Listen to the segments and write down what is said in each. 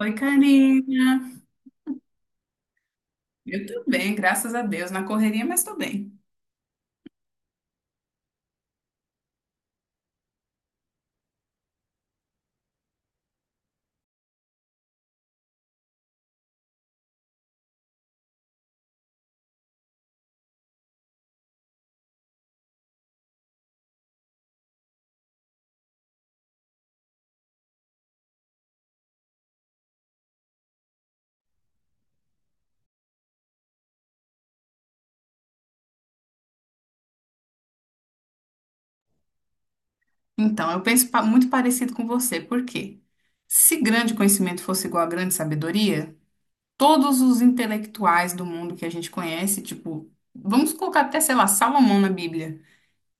Oi, Karina. Eu tô bem, graças a Deus, na correria, mas tô bem. Então, eu penso muito parecido com você, por quê? Se grande conhecimento fosse igual a grande sabedoria, todos os intelectuais do mundo que a gente conhece, tipo, vamos colocar até, sei lá, Salomão na Bíblia,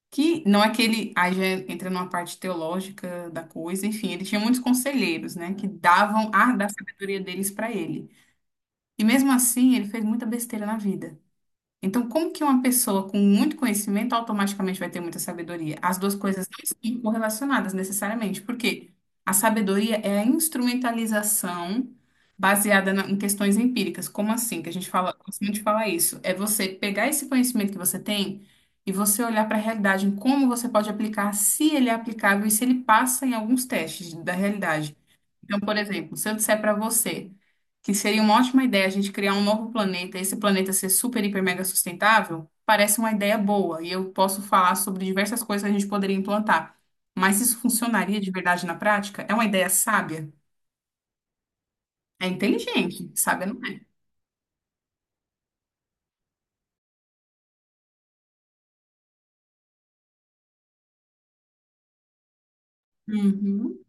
que não é aquele, aí já entra numa parte teológica da coisa, enfim, ele tinha muitos conselheiros, né, que davam a da sabedoria deles pra ele. E mesmo assim, ele fez muita besteira na vida. Então, como que uma pessoa com muito conhecimento automaticamente vai ter muita sabedoria? As duas coisas não estão correlacionadas necessariamente, porque a sabedoria é a instrumentalização baseada em questões empíricas. Como assim? Que a gente fala, gosto muito de falar isso. É você pegar esse conhecimento que você tem e você olhar para a realidade, em como você pode aplicar, se ele é aplicável e se ele passa em alguns testes da realidade. Então, por exemplo, se eu disser para você que seria uma ótima ideia a gente criar um novo planeta, esse planeta ser super, hiper, mega sustentável, parece uma ideia boa e eu posso falar sobre diversas coisas que a gente poderia implantar. Mas isso funcionaria de verdade na prática? É uma ideia sábia? É inteligente, sábia não é? Uhum.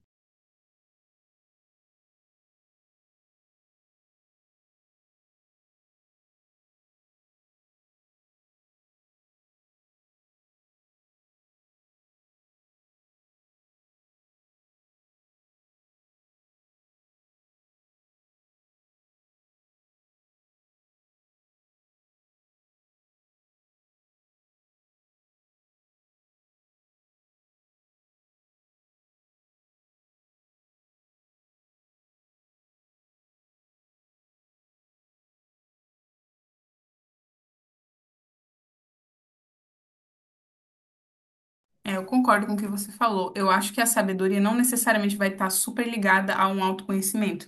É, eu concordo com o que você falou. Eu acho que a sabedoria não necessariamente vai estar super ligada a um autoconhecimento.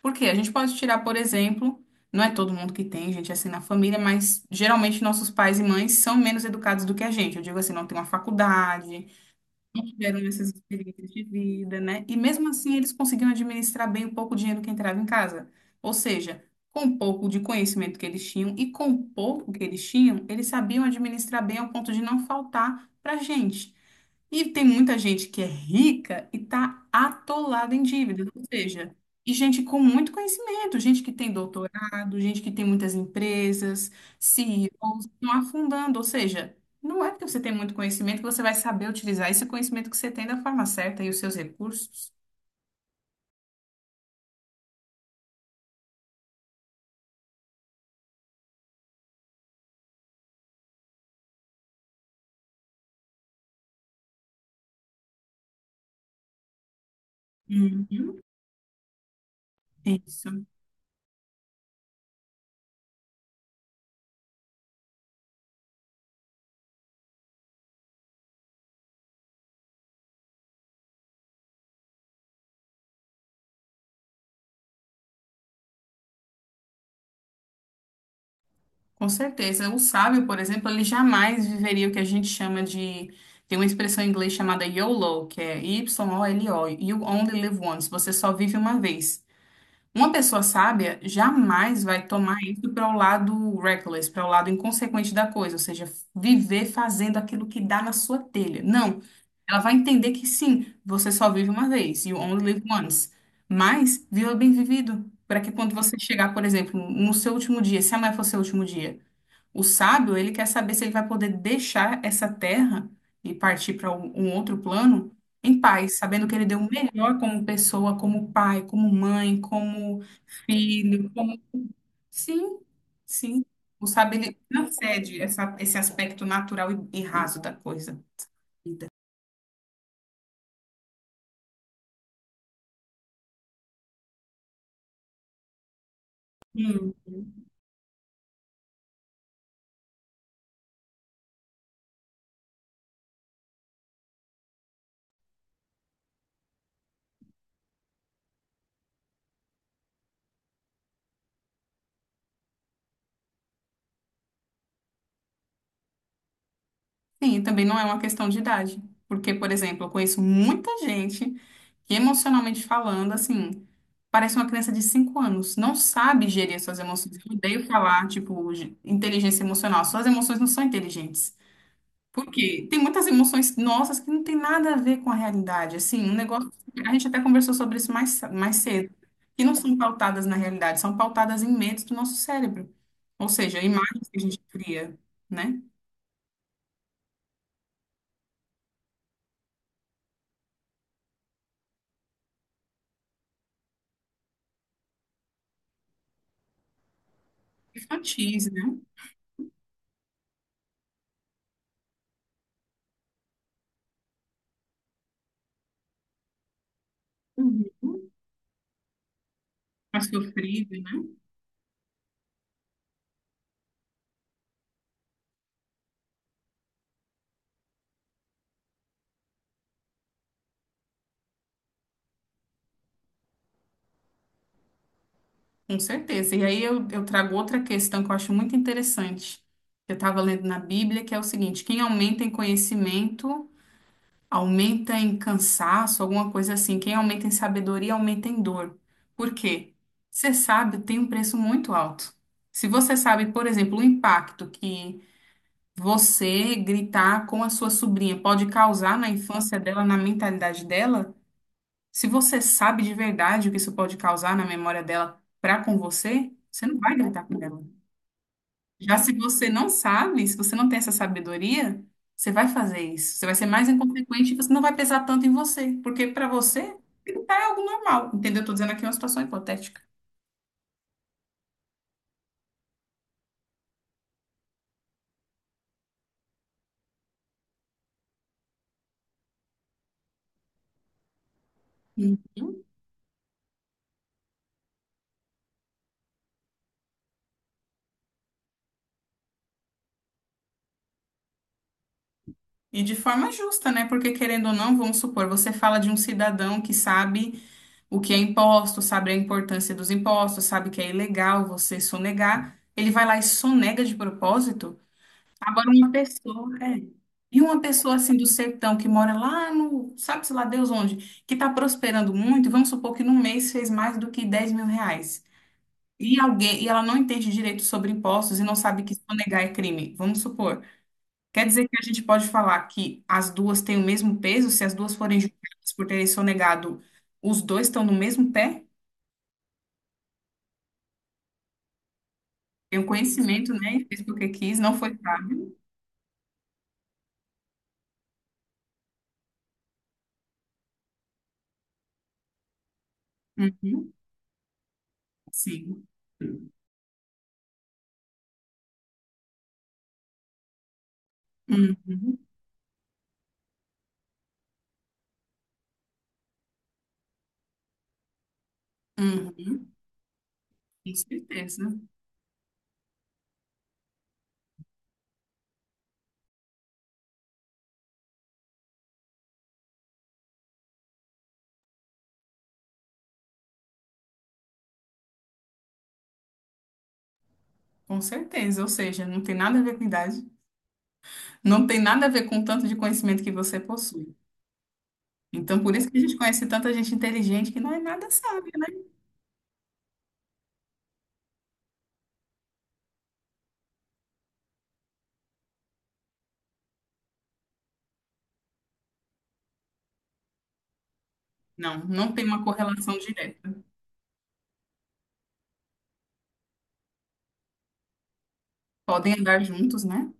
Porque a gente pode tirar, por exemplo, não é todo mundo que tem gente é assim na família, mas geralmente nossos pais e mães são menos educados do que a gente. Eu digo assim, não tem uma faculdade, não tiveram essas experiências de vida, né? E mesmo assim eles conseguiam administrar bem o pouco dinheiro que entrava em casa. Ou seja, com o pouco de conhecimento que eles tinham e com o pouco que eles tinham, eles sabiam administrar bem ao ponto de não faltar para gente. E tem muita gente que é rica e está atolada em dívidas, ou seja, e gente com muito conhecimento, gente que tem doutorado, gente que tem muitas empresas, CEOs, estão afundando, ou seja, não é porque você tem muito conhecimento que você vai saber utilizar esse conhecimento que você tem da forma certa e os seus recursos. Uhum. Isso, com certeza. O sábio, por exemplo, ele jamais viveria o que a gente chama de. Tem uma expressão em inglês chamada YOLO, que é Y-O-L-O, You Only Live Once, você só vive uma vez. Uma pessoa sábia jamais vai tomar isso para o lado reckless, para o lado inconsequente da coisa, ou seja, viver fazendo aquilo que dá na sua telha. Não, ela vai entender que sim, você só vive uma vez, you only live once. Mas viva bem vivido, para que quando você chegar, por exemplo, no seu último dia, se amanhã for seu último dia, o sábio, ele quer saber se ele vai poder deixar essa terra e partir para um outro plano em paz, sabendo que ele deu o melhor como pessoa, como pai, como mãe, como filho, como... Sim, sim. O sábio, ele não cede essa, esse aspecto natural e raso da coisa. Vida. Hum. Sim, também não é uma questão de idade. Porque, por exemplo, eu conheço muita gente que, emocionalmente falando, assim, parece uma criança de 5 anos, não sabe gerir as suas emoções. Eu odeio falar, tipo, de inteligência emocional. Suas emoções não são inteligentes. Por quê? Tem muitas emoções nossas que não tem nada a ver com a realidade. Assim, um negócio. A gente até conversou sobre isso mais, mais cedo. Que não são pautadas na realidade, são pautadas em medos do nosso cérebro. Ou seja, imagens que a gente cria, né? Infantis, né? Uhum. Mais sofrido, né? Com certeza. E aí eu trago outra questão que eu acho muito interessante, que eu estava lendo na Bíblia, que é o seguinte: quem aumenta em conhecimento, aumenta em cansaço, alguma coisa assim. Quem aumenta em sabedoria, aumenta em dor. Por quê? Ser sábio tem um preço muito alto. Se você sabe, por exemplo, o impacto que você gritar com a sua sobrinha pode causar na infância dela, na mentalidade dela, se você sabe de verdade o que isso pode causar na memória dela para com você, você não vai gritar com ela. Já se você não sabe, se você não tem essa sabedoria, você vai fazer isso. Você vai ser mais inconsequente e você não vai pesar tanto em você, porque para você gritar é algo normal, entendeu? Estou dizendo aqui uma situação hipotética. Uhum. E de forma justa, né? Porque querendo ou não, vamos supor, você fala de um cidadão que sabe o que é imposto, sabe a importância dos impostos, sabe que é ilegal você sonegar, ele vai lá e sonega de propósito. Agora uma pessoa, é. E uma pessoa assim do sertão que mora lá no, sabe-se lá Deus onde, que está prosperando muito, e vamos supor que num mês fez mais do que 10 mil reais. E alguém, e ela não entende direito sobre impostos e não sabe que sonegar é crime. Vamos supor. Quer dizer que a gente pode falar que as duas têm o mesmo peso se as duas forem julgadas por terem sonegado, os dois estão no mesmo pé? Tem o conhecimento, né? E fez porque quis, não foi sábio. Uhum, sim. Uhum, uhum, com certeza. Com certeza. Ou seja, não tem nada a ver com idade, não tem nada a ver com o tanto de conhecimento que você possui. Então, por isso que a gente conhece tanta gente inteligente que não é nada sábia, né? Não, não tem uma correlação direta. Podem andar juntos, né?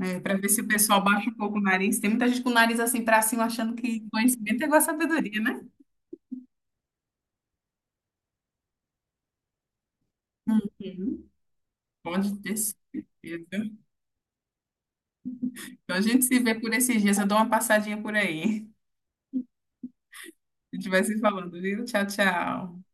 É, para ver se o pessoal baixa um pouco o nariz. Tem muita gente com o nariz assim para cima, achando que conhecimento é igual a sabedoria, né? Uhum. Pode ter certeza. Então a gente se vê por esses dias. Eu dou uma passadinha por aí. A gente vai se falando, viu? Tchau, tchau.